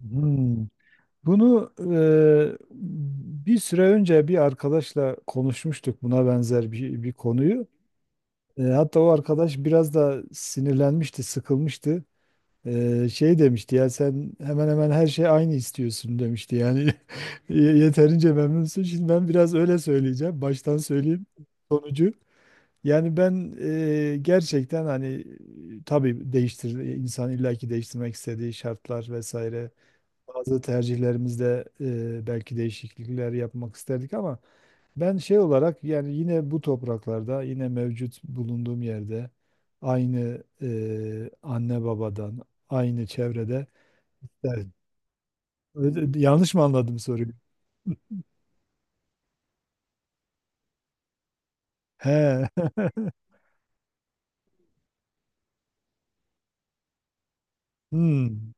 Hmm. Bunu bir süre önce bir arkadaşla konuşmuştuk buna benzer bir konuyu. Hatta o arkadaş biraz da sinirlenmişti, sıkılmıştı. Şey demişti ya sen hemen hemen her şey aynı istiyorsun demişti. Yani yeterince memnunsun. Şimdi ben biraz öyle söyleyeceğim. Baştan söyleyeyim sonucu. Yani ben gerçekten hani tabii değiştir insan illaki değiştirmek istediği şartlar vesaire bazı tercihlerimizde belki değişiklikler yapmak isterdik ama ben şey olarak yani yine bu topraklarda yine mevcut bulunduğum yerde aynı anne babadan aynı çevrede. Evet. Öyle- yanlış mı anladım soruyu? He. Hmm.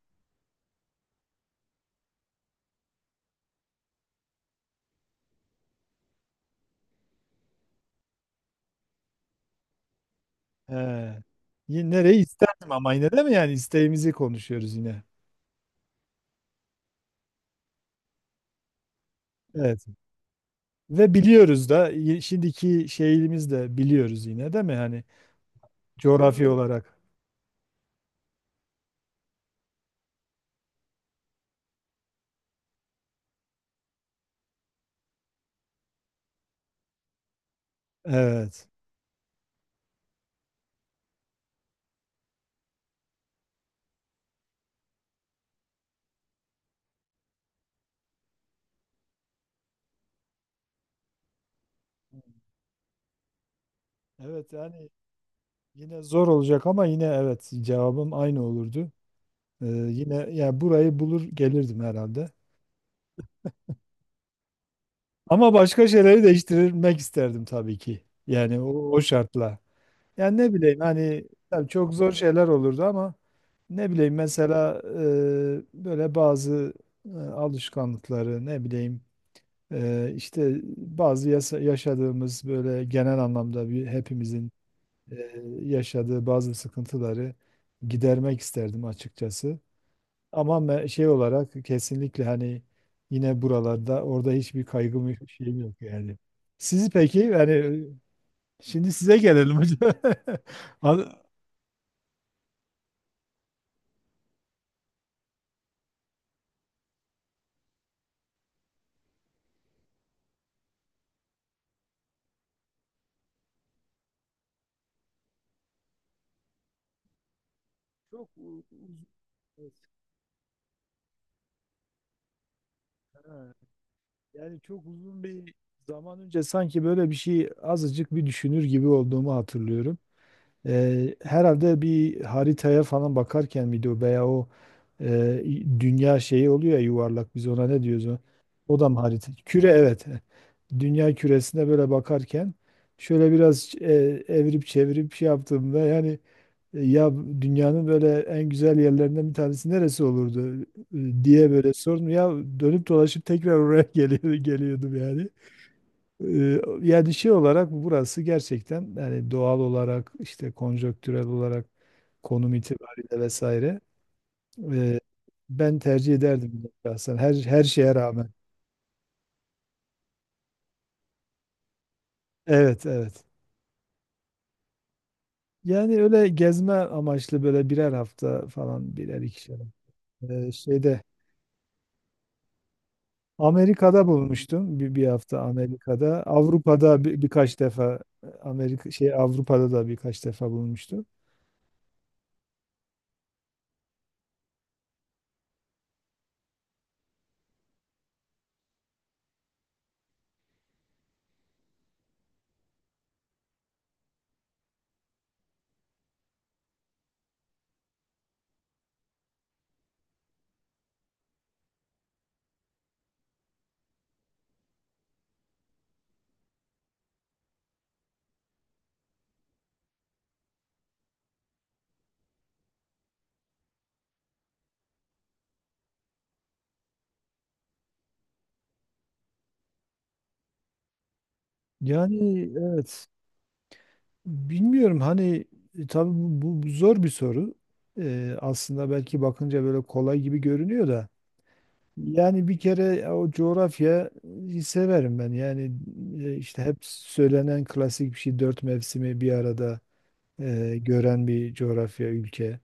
He. Yine nereyi isterdim ama yine de mi yani isteğimizi konuşuyoruz yine. Evet. Ve biliyoruz da şimdiki şeyimiz de biliyoruz yine değil mi? Hani coğrafi olarak. Evet. Evet yani yine zor olacak ama yine evet cevabım aynı olurdu. Yine yani burayı bulur gelirdim herhalde. Ama başka şeyleri değiştirmek isterdim tabii ki. Yani o, o şartla. Yani ne bileyim hani tabii çok zor şeyler olurdu ama ne bileyim mesela böyle bazı alışkanlıkları ne bileyim, işte bazı yaşadığımız böyle genel anlamda bir hepimizin yaşadığı bazı sıkıntıları gidermek isterdim açıkçası. Ama şey olarak kesinlikle hani yine buralarda orada hiçbir kaygım yok, şeyim yok yani. Sizi peki yani şimdi size gelelim hocam. An- Çok uzun, evet, ha, yani çok uzun bir zaman önce sanki böyle bir şey azıcık bir düşünür gibi olduğumu hatırlıyorum. Herhalde bir haritaya falan bakarken miydi o veya o eee, dünya şeyi oluyor ya yuvarlak biz ona ne diyoruz o? O da mı harita? Küre evet. Dünya küresine böyle bakarken şöyle biraz evirip çevirip şey yaptığımda yani ya dünyanın böyle en güzel yerlerinden bir tanesi neresi olurdu diye böyle sordum. Ya dönüp dolaşıp tekrar oraya geliyordum yani. Yani şey olarak burası gerçekten yani doğal olarak işte konjonktürel olarak konum itibariyle vesaire, e, ben tercih ederdim şahsen her şeye rağmen. Evet evet. Yani öyle gezme amaçlı böyle birer hafta falan birer ikişer. Şeyde Amerika'da bulmuştum bir hafta Amerika'da. Avrupa'da birkaç defa Amerika şey Avrupa'da da birkaç defa bulmuştum. Yani evet, bilmiyorum hani, tabii bu, bu zor bir soru. Aslında belki bakınca böyle kolay gibi görünüyor da. Yani bir kere o coğrafyayı severim ben. Yani işte hep söylenen klasik bir şey dört mevsimi bir arada gören bir coğrafya ülke.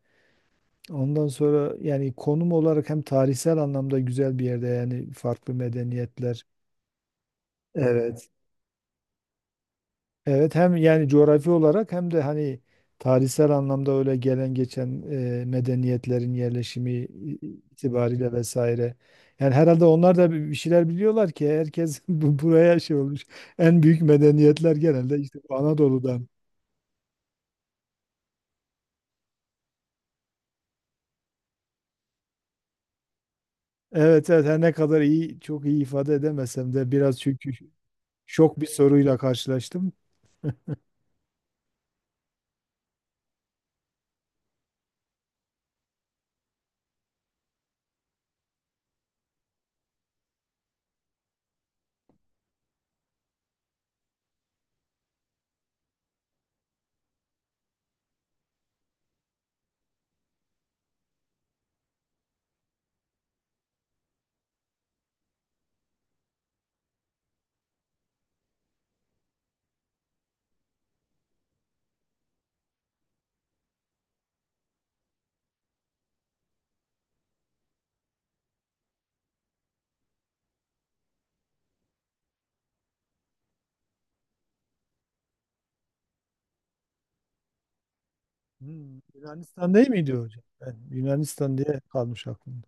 Ondan sonra yani konum olarak hem tarihsel anlamda güzel bir yerde yani farklı medeniyetler. Evet. Evet hem yani coğrafi olarak hem de hani tarihsel anlamda öyle gelen geçen medeniyetlerin yerleşimi itibariyle vesaire. Yani herhalde onlar da bir şeyler biliyorlar ki herkes buraya şey olmuş. En büyük medeniyetler genelde işte bu Anadolu'dan. Evet evet, her ne kadar iyi çok iyi ifade edemesem de biraz, çünkü şok bir soruyla karşılaştım. Hmm, Yunanistan değil miydi hocam? Ben Yunanistan diye kalmış aklımda.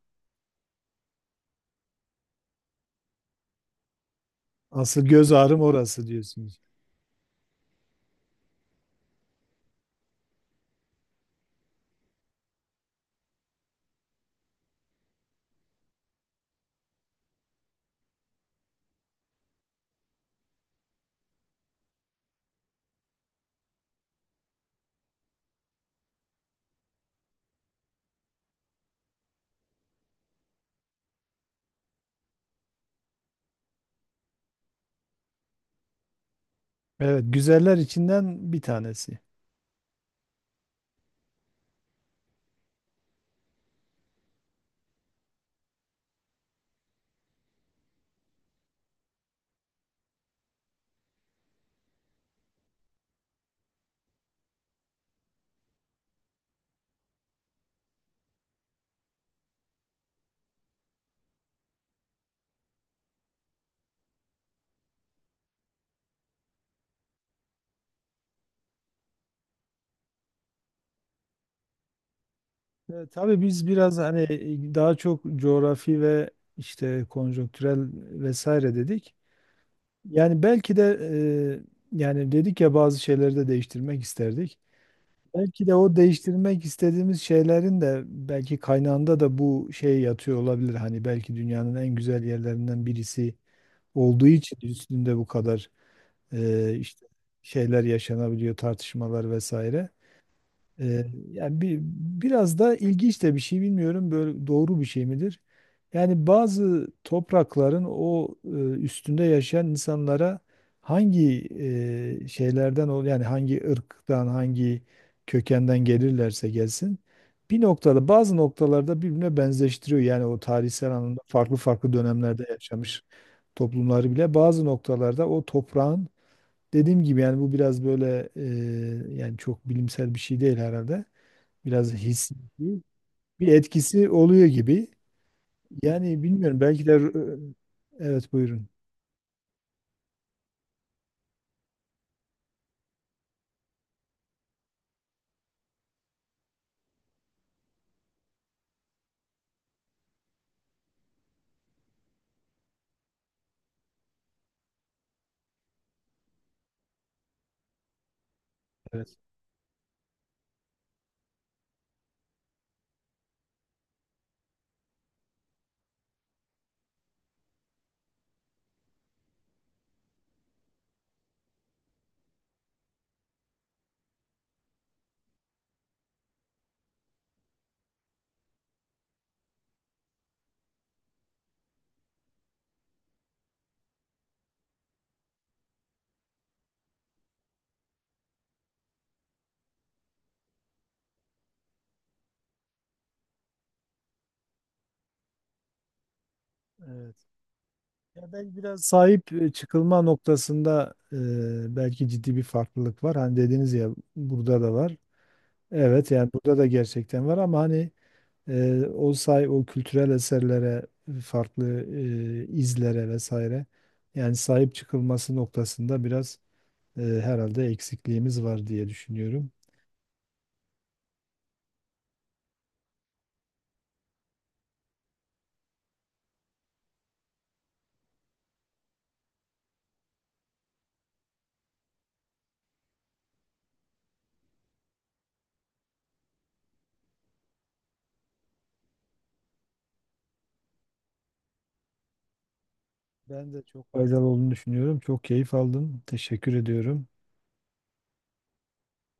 Asıl göz ağrım orası diyorsunuz. Evet, güzeller içinden bir tanesi. Tabii biz biraz hani daha çok coğrafi ve işte konjonktürel vesaire dedik. Yani belki de, yani dedik ya bazı şeyleri de değiştirmek isterdik. Belki de o değiştirmek istediğimiz şeylerin de belki kaynağında da bu şey yatıyor olabilir. Hani belki dünyanın en güzel yerlerinden birisi olduğu için üstünde bu kadar işte şeyler yaşanabiliyor, tartışmalar vesaire. Ee, Yani bir, biraz da ilginç de bir şey, bilmiyorum böyle doğru bir şey midir? Yani bazı toprakların o üstünde yaşayan insanlara hangi şeylerden ol yani hangi ırktan hangi kökenden gelirlerse gelsin bir noktada bazı noktalarda birbirine benzeştiriyor. Yani o tarihsel anlamda farklı farklı dönemlerde yaşamış toplumları bile bazı noktalarda o toprağın, dediğim gibi, yani bu biraz böyle, yani çok bilimsel bir şey değil herhalde. Biraz hissi bir etkisi oluyor gibi. Yani bilmiyorum belki de, evet buyurun. Evet. Evet. Ya belki biraz sahip, çıkılma noktasında, belki ciddi bir farklılık var. Hani dediniz ya burada da var. Evet yani burada da gerçekten var ama hani o say o kültürel eserlere farklı izlere vesaire yani sahip çıkılması noktasında biraz herhalde eksikliğimiz var diye düşünüyorum. Ben de çok faydalı olduğunu düşünüyorum. Çok keyif aldım. Teşekkür ediyorum.